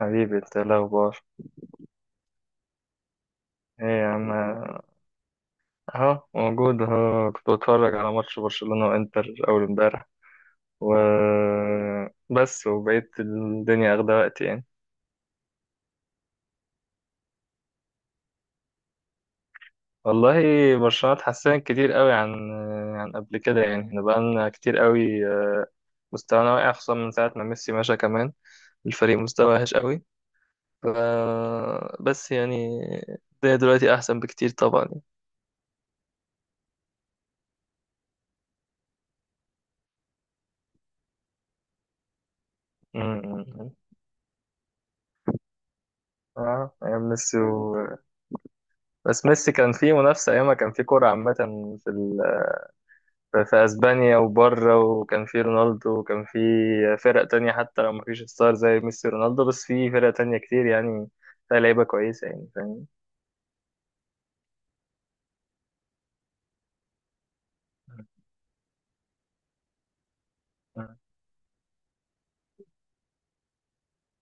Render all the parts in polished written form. حبيبي انت ايه الاخبار؟ ايه يا عم. اهو موجود اهو، كنت بتفرج على ماتش برشلونة وانتر اول امبارح، و بس وبقيت الدنيا اخده وقت يعني. والله، برشلونة اتحسنت كتير قوي عن قبل كده يعني، احنا بقالنا كتير قوي آه، مستوانا واقع خصوصا من ساعة ما ميسي مشى، كمان الفريق مستواه وحش قوي. ف بس يعني الدنيا دلوقتي احسن بكتير طبعا. م- م- م. اه، ايام ميسي. بس ميسي كان فيه منافسة، أيامها كان فيه كورة عامة في ال... في أسبانيا وبره، وكان فيه رونالدو وكان فيه فرق تانية، حتى لو مفيش ستار زي ميسي ورونالدو بس فيه فرق تانية كتير يعني، فيها لعيبة كويسة يعني، فاهم؟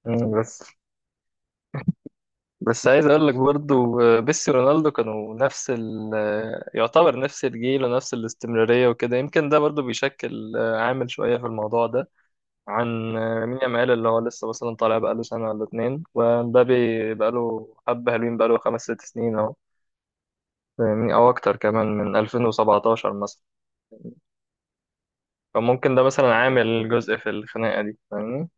بس، بس عايز أقول لك برضو آه، ميسي ورونالدو كانوا نفس آه، يعتبر نفس الجيل ونفس الاستمرارية وكده، يمكن ده برضو بيشكل آه، عامل شوية في الموضوع ده عن مين يامال، اللي هو لسه مثلا طالع بقاله سنة ولا اتنين، ومبابي بقاله حبة، حلوين بقاله خمس ست سنين أهو، فاهمني؟ أو أكتر كمان من 2017 مثلا، فممكن ده مثلا عامل جزء في الخناقة دي، فاهمني.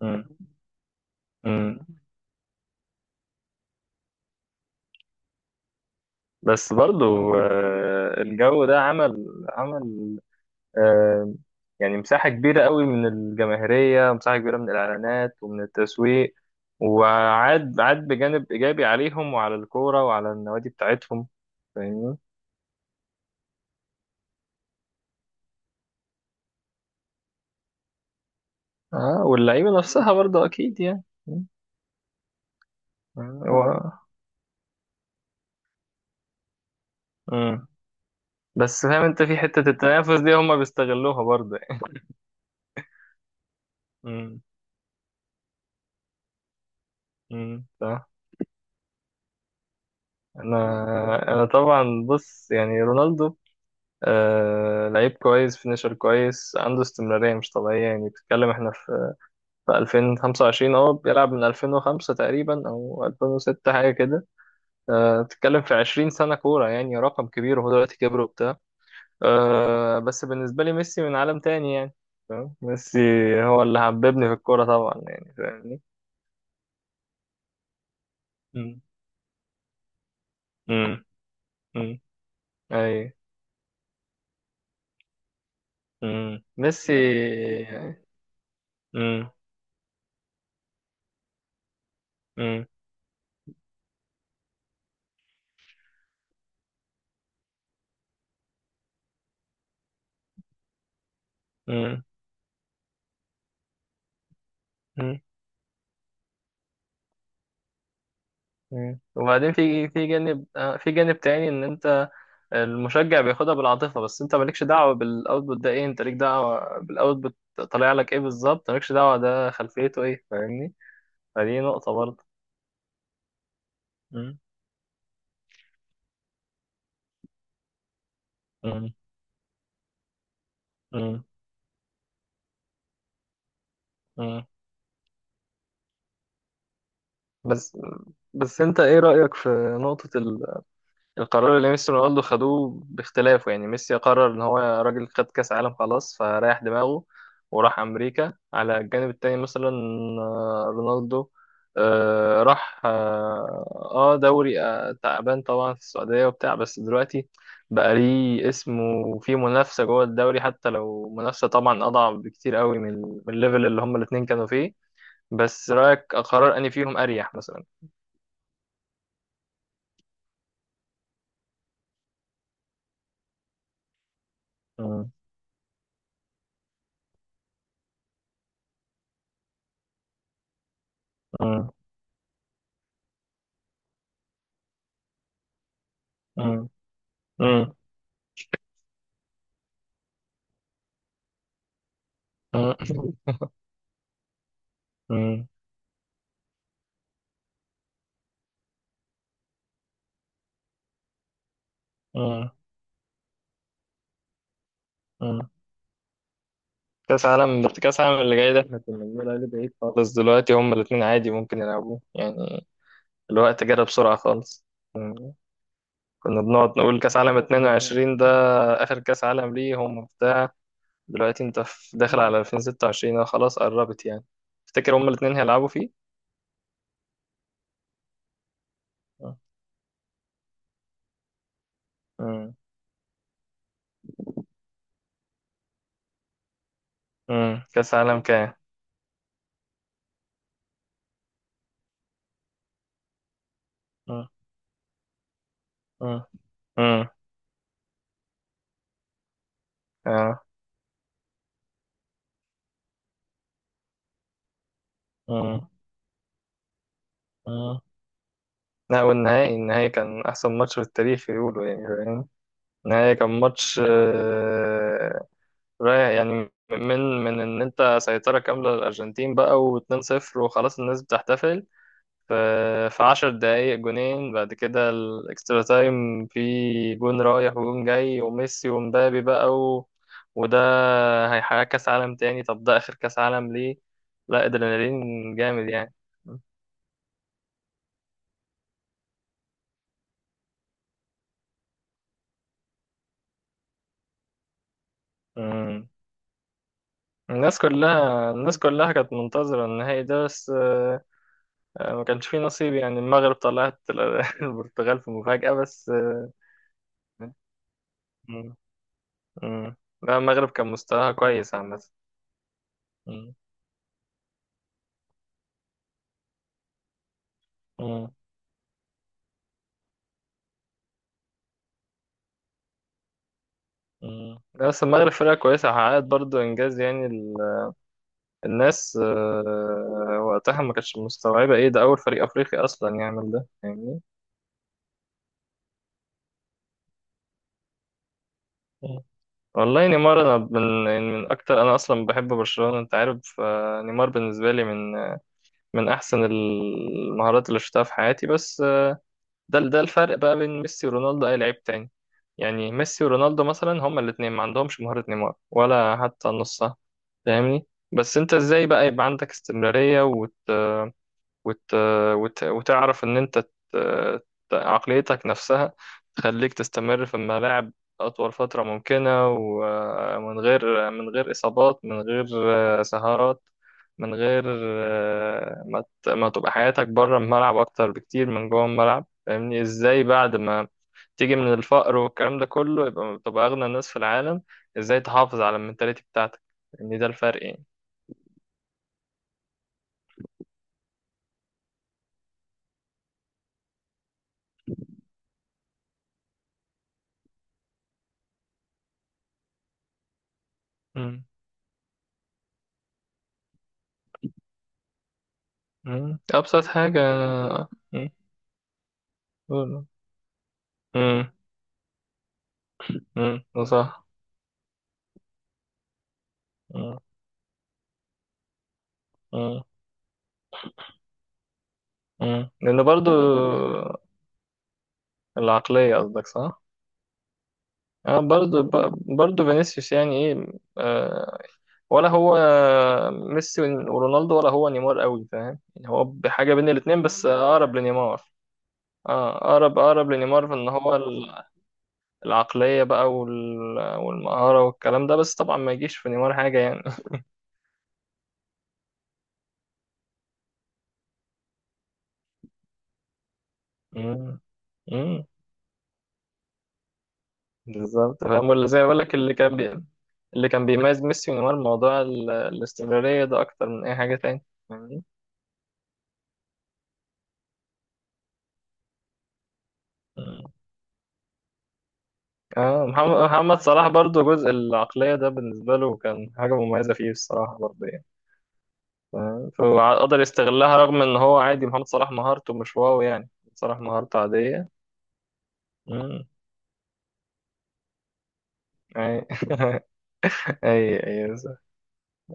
مم. مم. بس برضو آه، الجو ده عمل عمل آه، يعني مساحة كبيرة قوي من الجماهيرية، مساحة كبيرة من الإعلانات ومن التسويق، وعاد عاد بجانب إيجابي عليهم وعلى الكورة وعلى النوادي بتاعتهم، فاهمني؟ آه، واللعيبة نفسها برضه أكيد يعني. آه، هو مم. بس فاهم أنت؟ في حتة التنافس دي هما بيستغلوها برضه يعني. مم. مم. صح. أنا طبعا، بص يعني رونالدو، لعيب كويس، فينيشر كويس، عنده استمرارية مش طبيعية يعني، بتتكلم احنا في 2025، اه بيلعب من 2005 تقريبا او 2006 حاجه كده. أه، بتتكلم في 20 سنه كوره يعني، رقم كبير، وهو دلوقتي كبر وبتاع. أه، بس بالنسبه لي ميسي من عالم تاني يعني، فاهم؟ ميسي هو اللي حببني في الكوره طبعا يعني، فاهمني. امم. امم. امم. اي. امم، ميسي. امم. امم. امم. وبعدين في جانب آه، في جانب تاني، ان انت المشجع بياخدها بالعاطفة، بس انت مالكش دعوة بالاوتبوت ده، ايه؟ انت ليك دعوة بالاوتبوت طالع لك ايه بالظبط؟ مالكش دعوة، ده خلفيته ايه، فاهمني. فدي نقطة برضه. مم. مم. مم. مم. بس، بس انت ايه رأيك في نقطة القرار اللي ميسي ورونالدو خدوه باختلافه؟ يعني ميسي قرر ان هو راجل، خد كاس عالم خلاص، فريح دماغه وراح امريكا على الجانب التاني مثلا. آه، رونالدو آه، راح اه آه، دوري آه، تعبان طبعا في السعودية وبتاع، بس دلوقتي بقى ليه اسم، وفيه منافسة جوه الدوري، حتى لو منافسة طبعا اضعف بكتير قوي من الليفل اللي هما الاتنين كانوا فيه. بس رأيك، قرار اني فيهم اريح مثلا؟ مم. مم. مم. مم. مم. مم. مم. كأس عالم، كأس عالم اللي جاي ده احنا كنا بنقول عليه بعيد خالص، دلوقتي هما الاتنين عادي ممكن يلعبوه يعني، الوقت جرى بسرعة خالص. مم. كنا بنقعد نقول كأس عالم 22 ده آخر كأس عالم ليه، هم بتاع، دلوقتي انت داخل على 2026 أهو، خلاص قربت يعني، تفتكر هما الاتنين هيلعبوا فيه؟ مم. مم. مم. كأس عالم كام؟ مم. مم. مم. آه. مم. مم. لا، والنهائي النهائي كان أحسن ماتش في التاريخ يقولوا يعني، نهاية كان ماتش آه، رايح يعني من من ان انت سيطرة كاملة للأرجنتين بقى و2-0 وخلاص الناس بتحتفل، ف- في 10 دقايق جونين بعد كده، الاكسترا تايم في، جون رايح وجون جاي وميسي ومبابي بقى و... وده هيحقق كأس عالم تاني، طب ده آخر كأس عالم ليه، لا ادرينالين جامد يعني. مم. الناس كلها، الناس كلها كانت منتظرة النهائي ده، بس آه، آه، ما كانش فيه نصيب يعني، المغرب طلعت البرتغال في مفاجأة، بس آه، مم. مم. لا، المغرب كان مستواها كويس عامة. مم. مم. مم. لا، بس المغرب فرقة كويسة، حققت برضو إنجاز يعني الناس آه، وقتها ما كانتش مستوعبة إيه ده، أول فريق أفريقي أصلا يعمل ده، فاهمني. مم. والله نيمار، أنا من يعني، من أكتر، أنا أصلا بحب برشلونة أنت عارف، فنيمار بالنسبة لي من أحسن المهارات اللي شفتها في حياتي. بس ده، ده الفرق بقى بين ميسي ورونالدو، اي لعيب تاني يعني، ميسي ورونالدو مثلا هما الاثنين ما عندهمش مهارة نيمار ولا حتى نصها، فاهمني. بس انت ازاي بقى يبقى عندك استمرارية وت... وتعرف ان انت عقليتك نفسها تخليك تستمر في الملاعب اطول فترة ممكنة، ومن غير اصابات، من غير آه، سهرات، من غير آه، ما تبقى حياتك بره الملعب اكتر بكتير من جوه الملعب، فاهمني؟ ازاي بعد ما تيجي من الفقر والكلام ده كله، يبقى تبقى اغنى الناس في العالم، ازاي تحافظ على المنتاليتي بتاعتك، ان ده الفرق يعني. مم. مم. ابسط حاجة. مم. امم. امم. ده صح. امم. امم. لأنه برضو العقلية قصدك، صح؟ اه برضو برضو فينيسيوس، يعني ايه آه، ولا هو ميسي ورونالدو، ولا هو نيمار قوي، فاهم يعني؟ هو بحاجة بين الاتنين بس أقرب لنيمار. اه، أقرب، أقرب لنيمار في إن هو العقلية بقى والمهارة والكلام ده، بس طبعا ما يجيش في نيمار حاجة يعني. امم، بالظبط، فاهم؟ ولا زي ما بقول لك، اللي كان بيميز ميسي ونيمار موضوع الاستمرارية ده أكتر من أي حاجة تاني، فاهمني؟ مم. اه، محمد صلاح برضو، جزء العقلية ده بالنسبة له كان حاجة مميزة فيه الصراحة برضه يعني، فاهم؟ فقدر يستغلها، رغم إن هو عادي، محمد صلاح مهارته مش واو يعني، صلاح مهارته عادية. مم. أي أي. أي، بس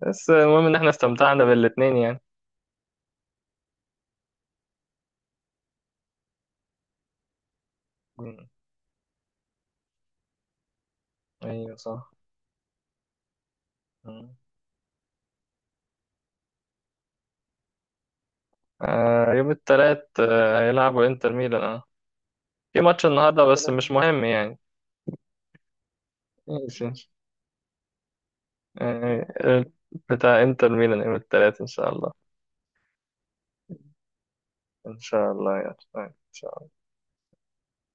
بس المهم إن إحنا استمتعنا بالاتنين يعني. مم. أيوه، صح. مم. آه، يوم التلات آه، هيلعبوا إنتر ميلان، في ماتش النهارده بس مش مهم يعني. ماشي. ماشي. آه، بتاع انتر ميلان يوم الثلاث ان شاء الله. ان شاء الله يا أخي. ان شاء الله.